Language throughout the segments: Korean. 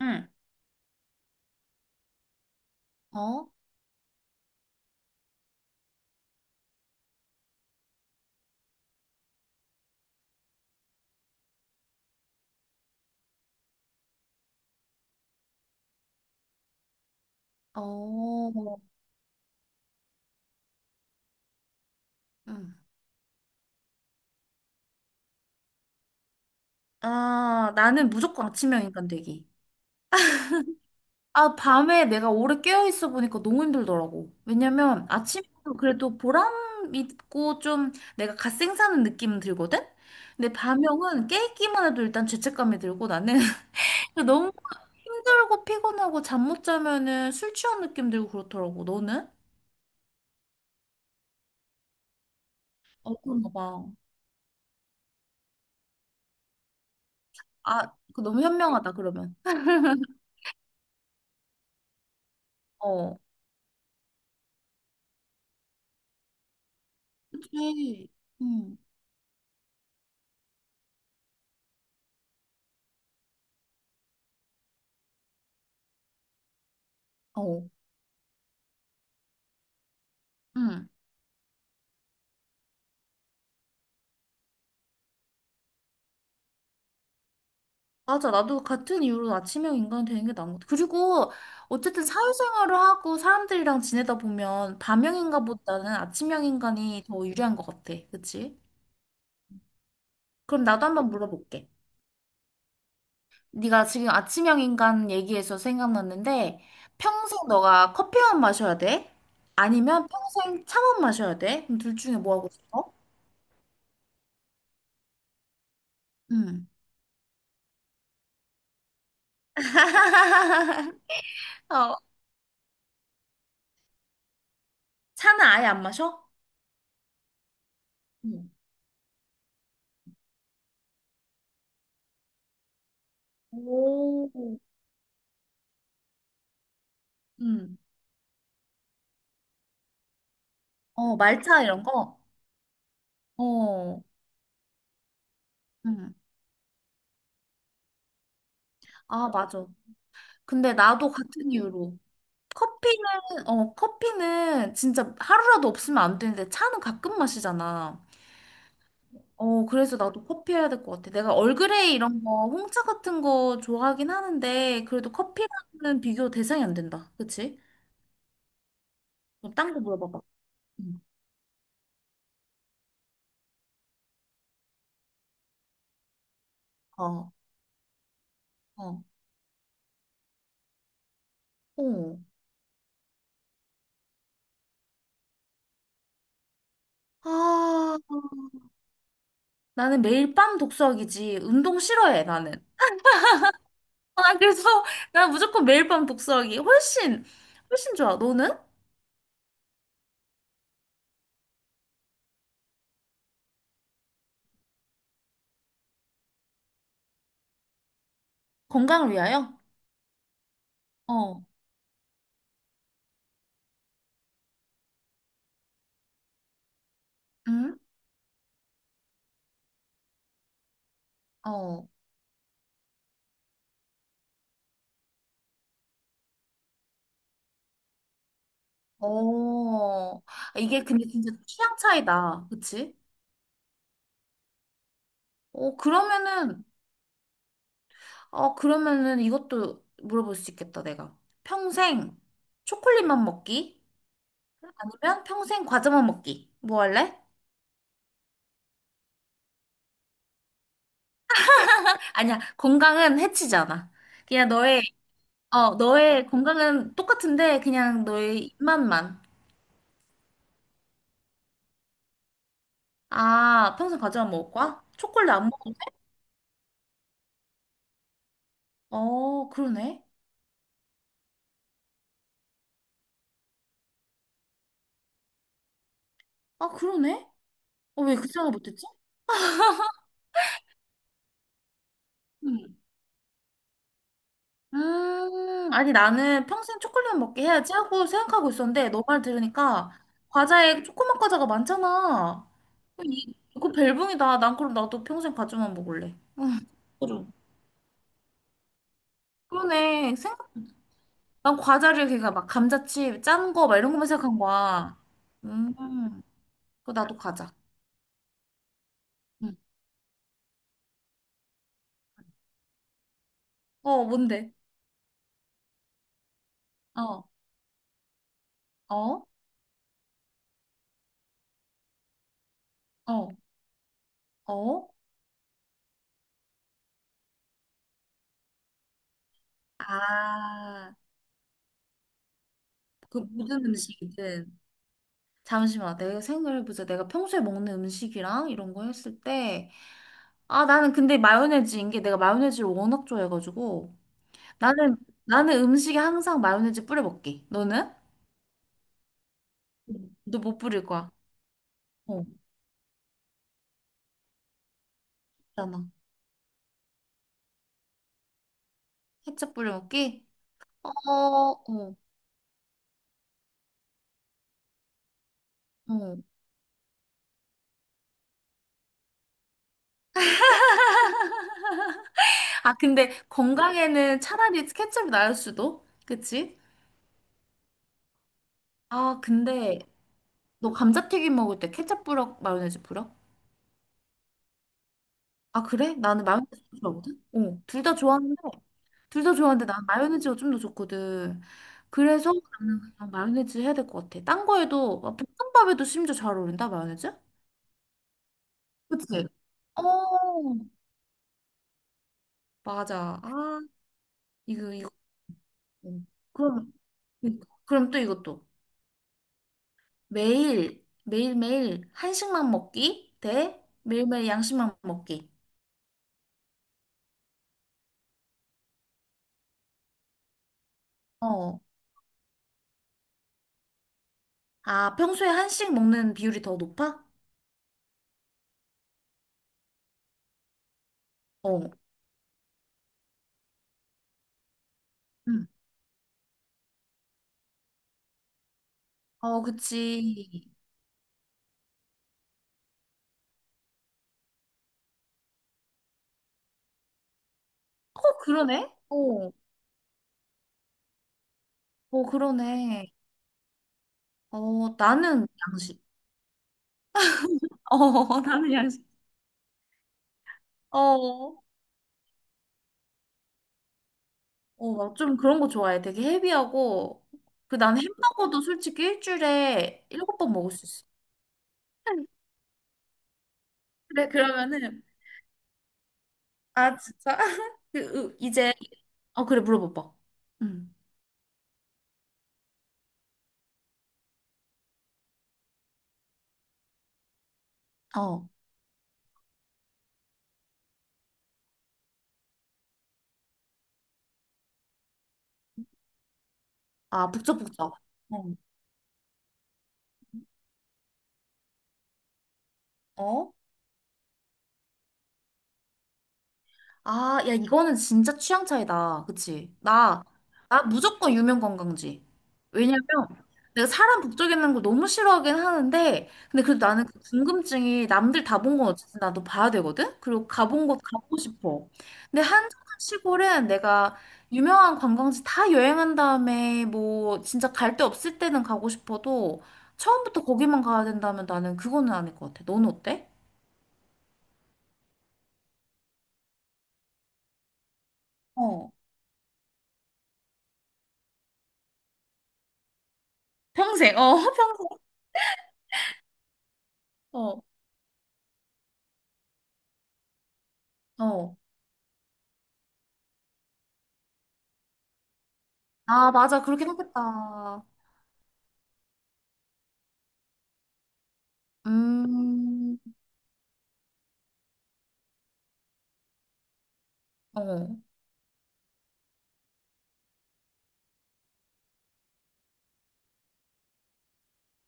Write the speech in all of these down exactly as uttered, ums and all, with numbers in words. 응. 어? 어. 응. 아, 나는 무조건 아침형 인간 되기. 아, 밤에 내가 오래 깨어 있어 보니까 너무 힘들더라고. 왜냐면 아침에 그래도 보람 있고 좀 내가 갓 생사는 느낌은 들거든? 근데 밤형은 깨있기만 해도 일단 죄책감이 들고 나는 너무 힘들고 피곤하고 잠 못 자면은 술 취한 느낌 들고 그렇더라고. 너는? 어, 그런가 봐. 아, 그 너무 현명하다, 그러면. 어. 그치. 응. 어. 응. 맞아. 나도 같은 이유로 아침형 인간이 되는 게 나은 것 같아. 그리고 어쨌든 사회생활을 하고 사람들이랑 지내다 보면 밤형 인간보다는 아침형 인간이 더 유리한 것 같아. 그치? 그럼 나도 한번 물어볼게. 네가 지금 아침형 인간 얘기해서 생각났는데 평생 너가 커피만 마셔야 돼? 아니면 평생 차만 마셔야 돼? 그럼 둘 중에 뭐 하고 싶어? 응. 어, 차는 아예 안 마셔? 응. 오. 응. 어, 말차 이런 거? 어. 응, 아, 맞아. 근데 나도 같은 이유로. 커피는, 어, 커피는 진짜 하루라도 없으면 안 되는데 차는 가끔 마시잖아. 어, 그래서 나도 커피 해야 될 것 같아. 내가 얼그레이 이런 거, 홍차 같은 거 좋아하긴 하는데, 그래도 커피랑은 비교 대상이 안 된다. 그치? 딴거 물어봐봐. 응. 어, 어, 어. 아, 나는 매일 밤 독서하기지. 운동 싫어해, 나는. 아, 그래서 난 무조건 매일 밤 독서하기 훨씬 훨씬 좋아. 너는? 건강을 위하여? 어. 응? 어. 어. 이게 근데 진짜 취향 차이다. 그치? 어, 그러면은 어, 그러면은 이것도 물어볼 수 있겠다, 내가. 평생 초콜릿만 먹기? 아니면 평생 과자만 먹기? 뭐 할래? 아니야. 건강은 해치지 않아. 그냥 너의 어, 너의 건강은 똑같은데 그냥 너의 입맛만. 아, 평소 과자만 먹을까? 초콜릿 안 먹는데? 어, 그러네. 아, 그러네? 어, 왜 그 생각 못했지? 음. 음, 아니, 나는 평생 초콜릿만 먹게 해야지 하고 생각하고 있었는데, 너 말 들으니까, 과자에 초코맛 과자가 많잖아. 그거 벨붕이다. 난 그럼 나도 평생 과자만 먹을래. 그럼. 그러네. 생각, 난 과자를 걔가 막 감자칩, 짠 거, 막 이런 것만 생각한 거야. 음, 그거 나도 과자. 응. 어, 뭔데? 어, 어, 어, 어. 아, 그 모든 음식이든. 잠시만, 내가 생각해보자. 내가 평소에 먹는 음식이랑 이런 거 했을 때, 아, 나는 근데 마요네즈인 게 내가 마요네즈를 워낙 좋아해가지고, 나는, 나는 음식에 항상 마요네즈 뿌려 먹기. 너는? 너 못 뿌릴 거야. 어, 있잖아. 케첩 뿌려 먹기? 어, 어, 어. 아, 근데 건강에는 차라리 케첩이 나을 수도? 그치? 아, 근데 너 감자튀김 먹을 때 케첩 뿌려, 마요네즈 뿌려? 아, 그래? 나는 마요네즈 좋아하거든? 어, 둘 다 좋아하는데, 둘 다 좋아하는데 나는 마요네즈가 좀 더 좋거든. 그래서 나는 그냥 마요네즈 해야 될 것 같아. 딴 거에도, 막 볶음밥에도 심지어 잘 어울린다, 마요네즈? 그치? 어, 맞아. 아, 이거, 이거. 어. 그럼, 그러니까. 그럼 또 이것도. 매일, 매일매일 한식만 먹기 대 매일매일 양식만 먹기. 어. 아, 평소에 한식 먹는 비율이 더 높아? 어. 응. 어, 그치. 어, 그러네? 어, 어, 그러네. 어, 나는 양식. 어, 나는 양식. 어, 어, 막좀 그런 거 좋아해. 되게 헤비하고. 그, 난 햄버거도 솔직히 일주일에 일곱 번 먹을 수 있어. 그래, 그러면은, 아, 진짜? 그, 으, 이제, 어, 그래, 물어봐봐. 응. 어, 아, 북적북적. 어, 어? 아, 야, 이거는 진짜 취향 차이다. 그치? 나, 나 무조건 유명 관광지. 왜냐면 내가 사람 북적이는 걸 너무 싫어하긴 하는데, 근데 그래도 나는 그 궁금증이 남들 다 본 건 어쨌든 나도 봐야 되거든? 그리고 가본 곳 가보고 싶어. 근데 한적한 시골은 내가 유명한 관광지 다 여행한 다음에 뭐 진짜 갈 데 없을 때는 가고 싶어도 처음부터 거기만 가야 된다면 나는 그거는 아닐 것 같아. 너는 어때? 어. 평생, 어, 평생. 어, 어. 아, 맞아. 그렇게 하겠다. 음, 어,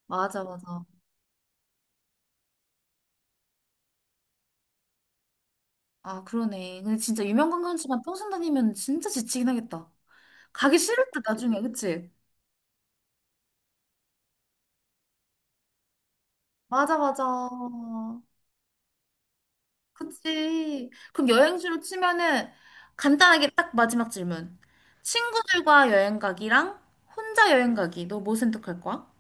맞아, 맞아. 아, 그러네. 근데 진짜 유명 관광지만 평생 다니면 진짜 지치긴 하겠다. 가기 싫을 때 나중에, 그치? 맞아, 맞아. 그치. 그럼 여행지로 치면은 간단하게 딱 마지막 질문. 친구들과 여행 가기랑 혼자 여행 가기. 너 뭐 선택할 거야?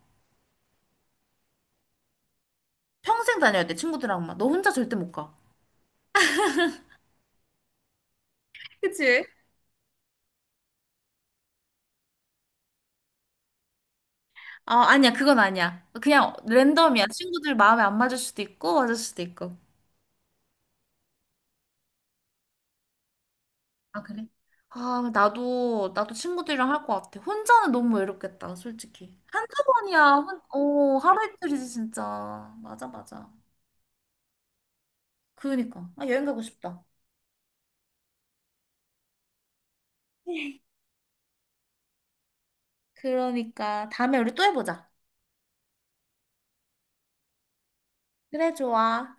평생 다녀야 돼, 친구들하고만 너 혼자 절대 못 가. 그치? 어, 아니야, 그건 아니야. 그냥 랜덤이야. 친구들 마음에 안 맞을 수도 있고, 맞을 수도 있고. 아, 그래? 아, 나도, 나도 친구들이랑 할 것 같아. 혼자는 너무 외롭겠다, 솔직히. 한두 번이야. 혼, 어, 하루 이틀이지, 진짜. 맞아, 맞아. 그러니까. 아, 여행 가고 싶다. 그러니까. 다음에 우리 또 해보자. 그래, 좋아.